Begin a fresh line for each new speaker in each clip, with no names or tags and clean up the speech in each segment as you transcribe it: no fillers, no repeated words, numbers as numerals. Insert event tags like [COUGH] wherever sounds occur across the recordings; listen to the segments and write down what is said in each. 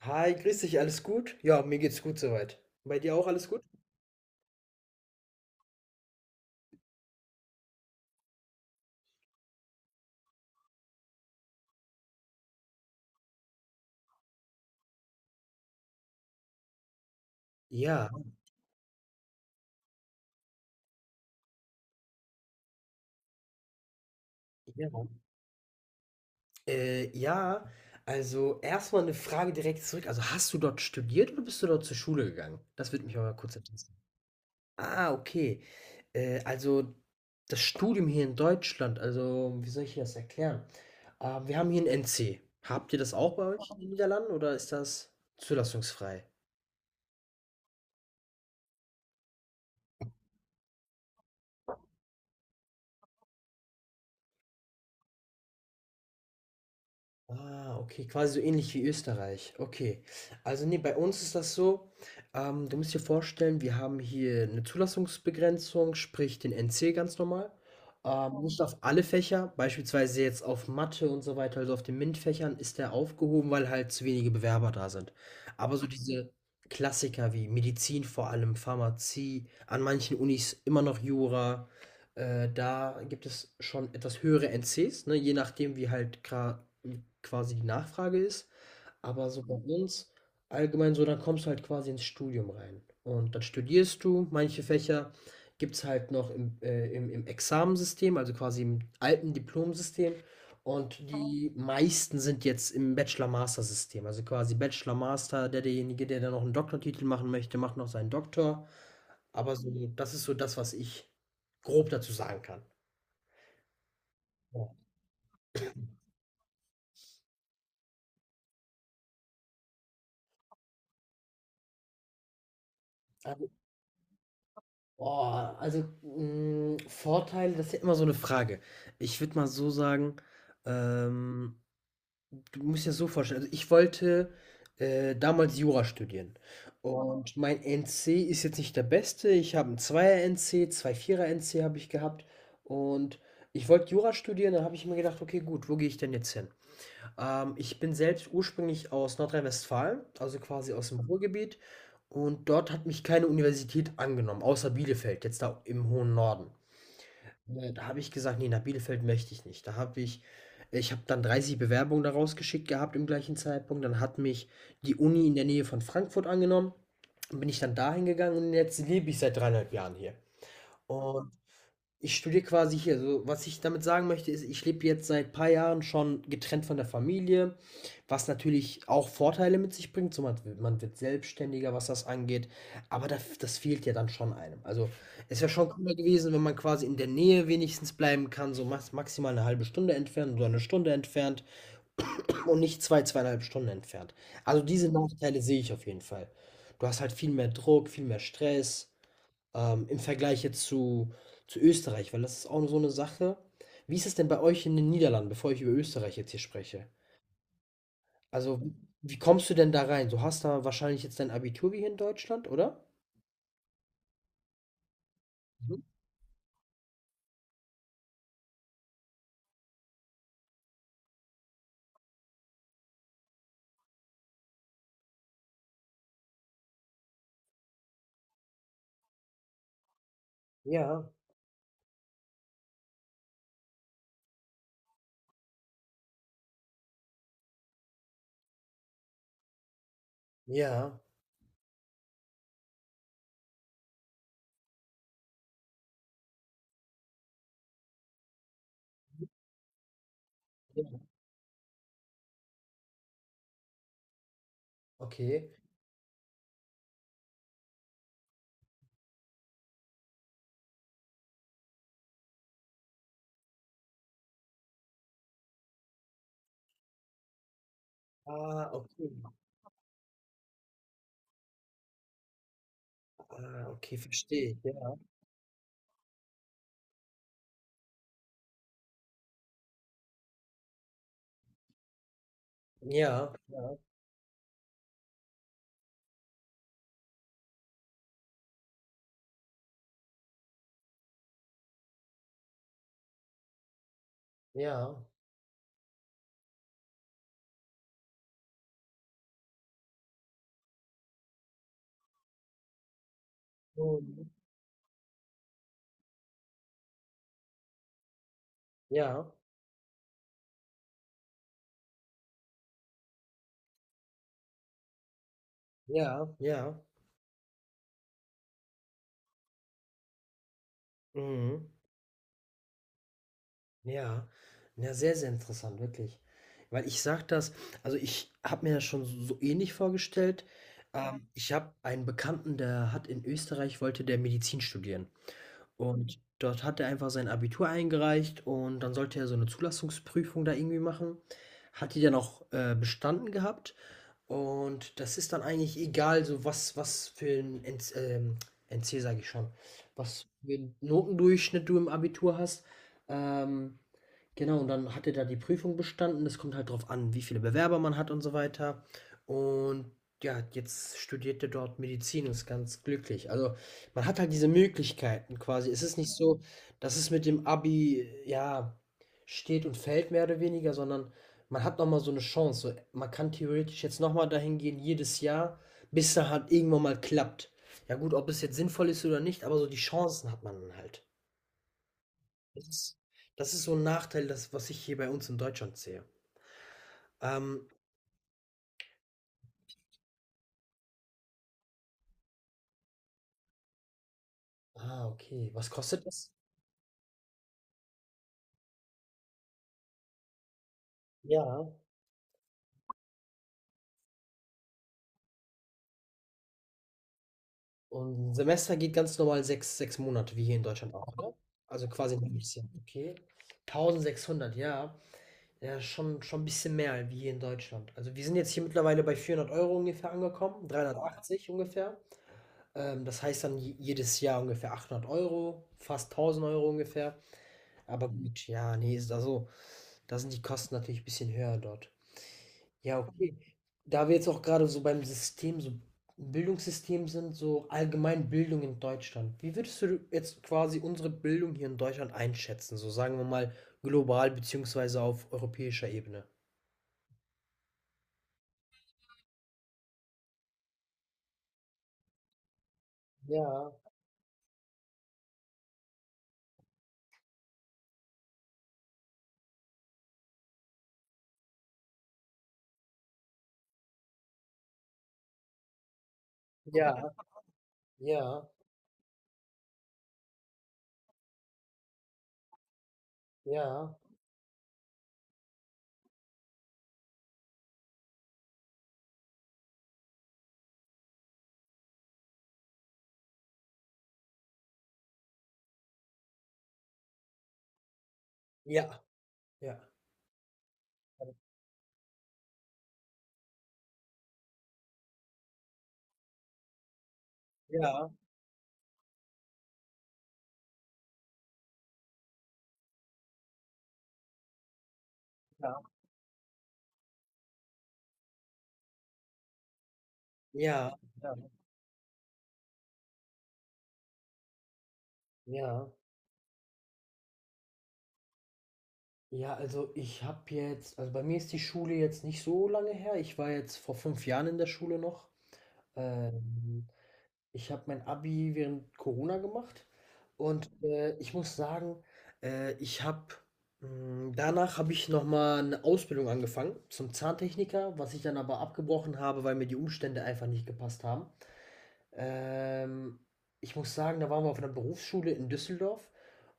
Hi, grüß dich, alles gut? Ja, mir geht's gut soweit. Bei dir auch alles gut? Ja, ja. Ja, also erstmal eine Frage direkt zurück. Also hast du dort studiert oder bist du dort zur Schule gegangen? Das würde mich aber kurz interessieren. Ah, okay. Also das Studium hier in Deutschland, also wie soll ich dir das erklären? Wir haben hier ein NC. Habt ihr das auch bei euch in den Niederlanden oder ist das zulassungsfrei? Ah, okay, quasi so ähnlich wie Österreich. Okay. Also nee, bei uns ist das so, du musst dir vorstellen, wir haben hier eine Zulassungsbegrenzung, sprich den NC ganz normal. Nicht auf alle Fächer, beispielsweise jetzt auf Mathe und so weiter, also auf den MINT-Fächern ist der aufgehoben, weil halt zu wenige Bewerber da sind. Aber so diese Klassiker wie Medizin vor allem, Pharmazie, an manchen Unis immer noch Jura, da gibt es schon etwas höhere NCs, ne, je nachdem, wie halt gra quasi die Nachfrage ist. Aber so bei uns allgemein so, dann kommst du halt quasi ins Studium rein. Und dann studierst du. Manche Fächer gibt es halt noch im Examensystem, also quasi im alten Diplomsystem. Und die meisten sind jetzt im Bachelor-Master-System. Also quasi Bachelor-Master, derjenige, der dann noch einen Doktortitel machen möchte, macht noch seinen Doktor. Aber so, das ist so das, was ich grob dazu sagen kann. Ja. Boah, also, Vorteile, das ist ja immer so eine Frage. Ich würde mal so sagen, ähm, du musst dir das so vorstellen, also ich wollte, damals Jura studieren, und mein NC ist jetzt nicht der beste. Ich habe 'n 2er-NC, Zweier er nc 2 Vierer er nc habe ich gehabt, und ich wollte Jura studieren, dann habe ich mir gedacht: „Okay, gut, wo gehe ich denn jetzt hin?" Ich bin selbst ursprünglich aus Nordrhein-Westfalen, also quasi aus dem Ruhrgebiet, und dort hat mich keine Universität angenommen, außer Bielefeld, jetzt da im hohen Norden. Da habe ich gesagt: „Nee, nach Bielefeld möchte ich nicht." Da habe ich Ich habe dann 30 Bewerbungen da rausgeschickt gehabt im gleichen Zeitpunkt. Dann hat mich die Uni in der Nähe von Frankfurt angenommen. Dann bin ich dann dahin gegangen, und jetzt lebe ich seit 3,5 Jahren hier. Und ich studiere quasi hier. Also was ich damit sagen möchte, ist, ich lebe jetzt seit ein paar Jahren schon getrennt von der Familie, was natürlich auch Vorteile mit sich bringt. So, man wird selbstständiger, was das angeht. Aber da, das fehlt ja dann schon einem. Also, es wäre schon cooler gewesen, wenn man quasi in der Nähe wenigstens bleiben kann, so maximal eine halbe Stunde entfernt oder eine Stunde entfernt [CLEARS THROAT] und nicht zwei, 2,5 Stunden entfernt. Also, diese Nachteile sehe ich auf jeden Fall. Du hast halt viel mehr Druck, viel mehr Stress im Vergleich jetzt zu Österreich, weil das ist auch so eine Sache. Wie ist es denn bei euch in den Niederlanden, bevor ich über Österreich jetzt hier spreche? Also, wie kommst du denn da rein? Du hast da wahrscheinlich jetzt dein Abitur wie hier in Deutschland, oder? Mhm. Ja, ja, ja, okay. Ah, okay. Ah, okay, verstehe. Ja, ja, ja, ja. Mhm. Ja, ja, ja. Mhm. Ja, ja, sehr, sehr interessant, wirklich. Weil ich sage das, also ich habe mir das schon so ähnlich vorgestellt. Mhm. Ich habe einen Bekannten, der hat in Österreich, wollte der Medizin studieren. Und dort hat er einfach sein Abitur eingereicht, und dann sollte er so eine Zulassungsprüfung da irgendwie machen. Hat die dann auch bestanden gehabt. Und das ist dann eigentlich egal, so was, was für ein NC, NC sage ich schon, was für einen Notendurchschnitt du im Abitur hast. Ähm, Genau, und dann hat er da die Prüfung bestanden. Es kommt halt drauf an, wie viele Bewerber man hat und so weiter. Und ja, jetzt studiert er dort Medizin und ist ganz glücklich. Also man hat halt diese Möglichkeiten quasi. Es ist nicht so, dass es mit dem Abi, ja, steht und fällt mehr oder weniger, sondern man hat nochmal so eine Chance. So, man kann theoretisch jetzt nochmal dahin gehen, jedes Jahr, bis da halt irgendwann mal klappt. Ja gut, ob es jetzt sinnvoll ist oder nicht, aber so die Chancen hat man halt. Das ist das ist so ein Nachteil, das, was ich hier bei uns in Deutschland sehe. Ähm, ah, okay. Was kostet das? Ja, und 'n Semester geht ganz normal sechs Monate, wie hier in Deutschland auch, oder? Also, quasi ein halbes Jahr. Okay. 1600, ja. Ja, schon 'n bisschen mehr wie hier in Deutschland. Also, wir sind jetzt hier mittlerweile bei 400 Euro ungefähr angekommen, 380 ungefähr. Das heißt dann je jedes Jahr ungefähr 800 Euro, fast 1000 Euro ungefähr. Aber gut, ja, nee, ist also da sind die Kosten natürlich ein bisschen höher dort. Ja, okay. Da wir jetzt auch gerade so beim System, so Bildungssystem sind, so allgemein Bildung in Deutschland. Wie würdest du jetzt quasi unsere Bildung hier in Deutschland einschätzen? So sagen wir mal global beziehungsweise auf europäischer Ebene. Ja, ja, ja, ja, ja, ja, ja, ja, ja. Ja, ja. Ja, also ich habe jetzt, also bei mir ist die Schule jetzt nicht so lange her. Ich war jetzt vor 5 Jahren in der Schule noch. Ähm, Ich habe mein Abi während Corona gemacht, und, ich muss sagen, äh, ich habe danach habe ich noch mal eine Ausbildung angefangen zum Zahntechniker, was ich dann aber abgebrochen habe, weil mir die Umstände einfach nicht gepasst haben. Ähm, Ich muss sagen, da waren wir auf einer Berufsschule in Düsseldorf,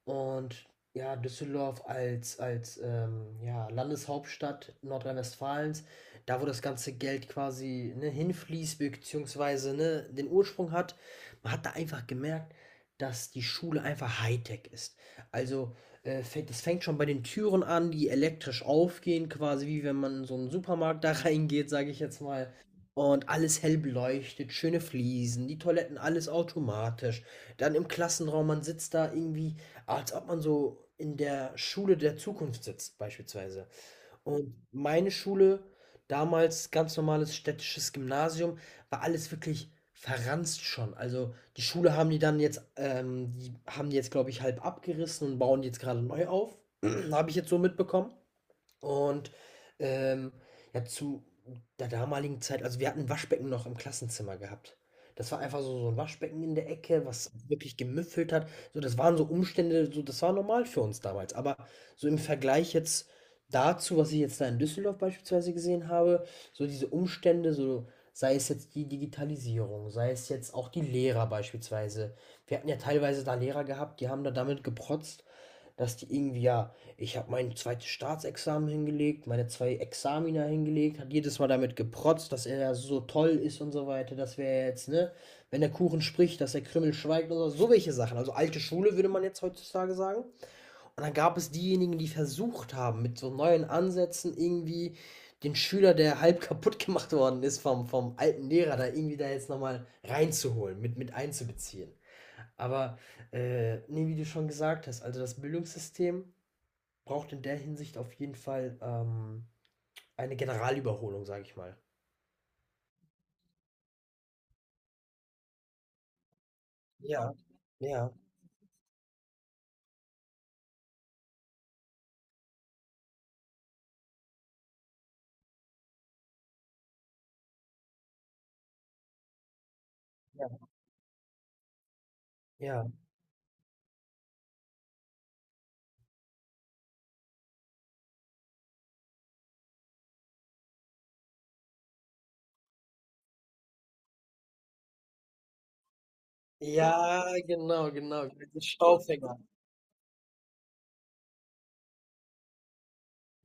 und ja, Düsseldorf als, ja, Landeshauptstadt Nordrhein-Westfalens, da wo das ganze Geld quasi, ne, hinfließt, beziehungsweise, ne, den Ursprung hat, man hat da einfach gemerkt, dass die Schule einfach Hightech ist. Also das fängt schon bei den Türen an, die elektrisch aufgehen, quasi wie wenn man in so einen Supermarkt da [LAUGHS] reingeht, sage ich jetzt mal. Und alles hell beleuchtet, schöne Fliesen, die Toiletten, alles automatisch. Dann im Klassenraum, man sitzt da irgendwie, als ob man so in der Schule der Zukunft sitzt, beispielsweise. Und meine Schule, damals ganz normales städtisches Gymnasium, war alles wirklich verranzt schon. Also, die haben die jetzt, glaube ich, halb abgerissen und bauen die jetzt gerade neu auf, [CLEARS THROAT] habe ich jetzt so mitbekommen. Und, ähm, ja, zu der damaligen Zeit also, wir hatten 'n Waschbecken noch im Klassenzimmer gehabt. Das war einfach so ein Waschbecken in der Ecke, was wirklich gemüffelt hat. So, das waren so Umstände, so das war normal für uns damals. Aber so im Vergleich jetzt dazu, was ich jetzt da in Düsseldorf beispielsweise gesehen habe, so diese Umstände, so sei es jetzt die Digitalisierung, sei es jetzt auch die Lehrer beispielsweise. Wir hatten ja teilweise da Lehrer gehabt, die haben da damit geprotzt, dass die irgendwie, ja, ich habe mein zweites Staatsexamen hingelegt, meine zwei Examina hingelegt, hat jedes Mal damit geprotzt, dass er ja so toll ist und so weiter, dass wir jetzt, ne, wenn der Kuchen spricht, dass der Krümmel schweigt, oder so, so welche Sachen. Also alte Schule würde man jetzt heutzutage sagen. Und dann gab es diejenigen, die versucht haben, mit so neuen Ansätzen irgendwie den Schüler, der halb kaputt [LAUGHS] gemacht worden ist vom alten Lehrer, da irgendwie da jetzt nochmal reinzuholen, mit einzubeziehen. Aber, nee, wie du schon gesagt hast, also das Bildungssystem braucht in der Hinsicht auf jeden Fall, eine Generalüberholung, sage ich mal. Ja, ja, ja. Ja. Ja, genau, genau, diese Staubfänger.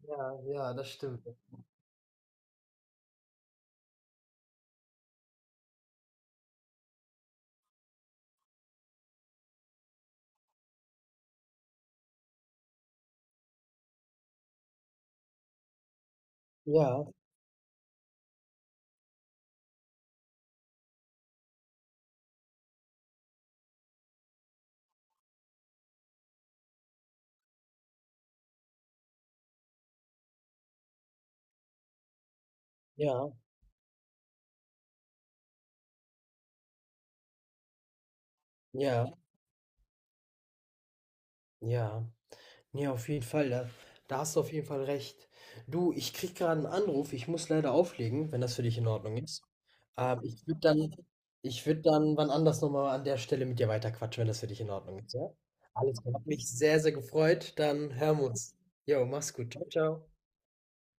Ja, ja, das stimmt. Ja, ja, ja. Ja, ja. Ja, auf jeden Fall. Da hast du auf jeden Fall recht. Du, ich krieg gerade einen Anruf. Ich muss leider auflegen, wenn das für dich in Ordnung ist. Ähm, ich würde dann, Ich würde dann wann anders nochmal an der Stelle mit dir weiterquatschen, wenn das für dich in Ordnung ist, ja? Alles klar. Hat mich sehr, sehr gefreut. Dann hören wir uns. Jo, mach's gut. Ciao, ciao.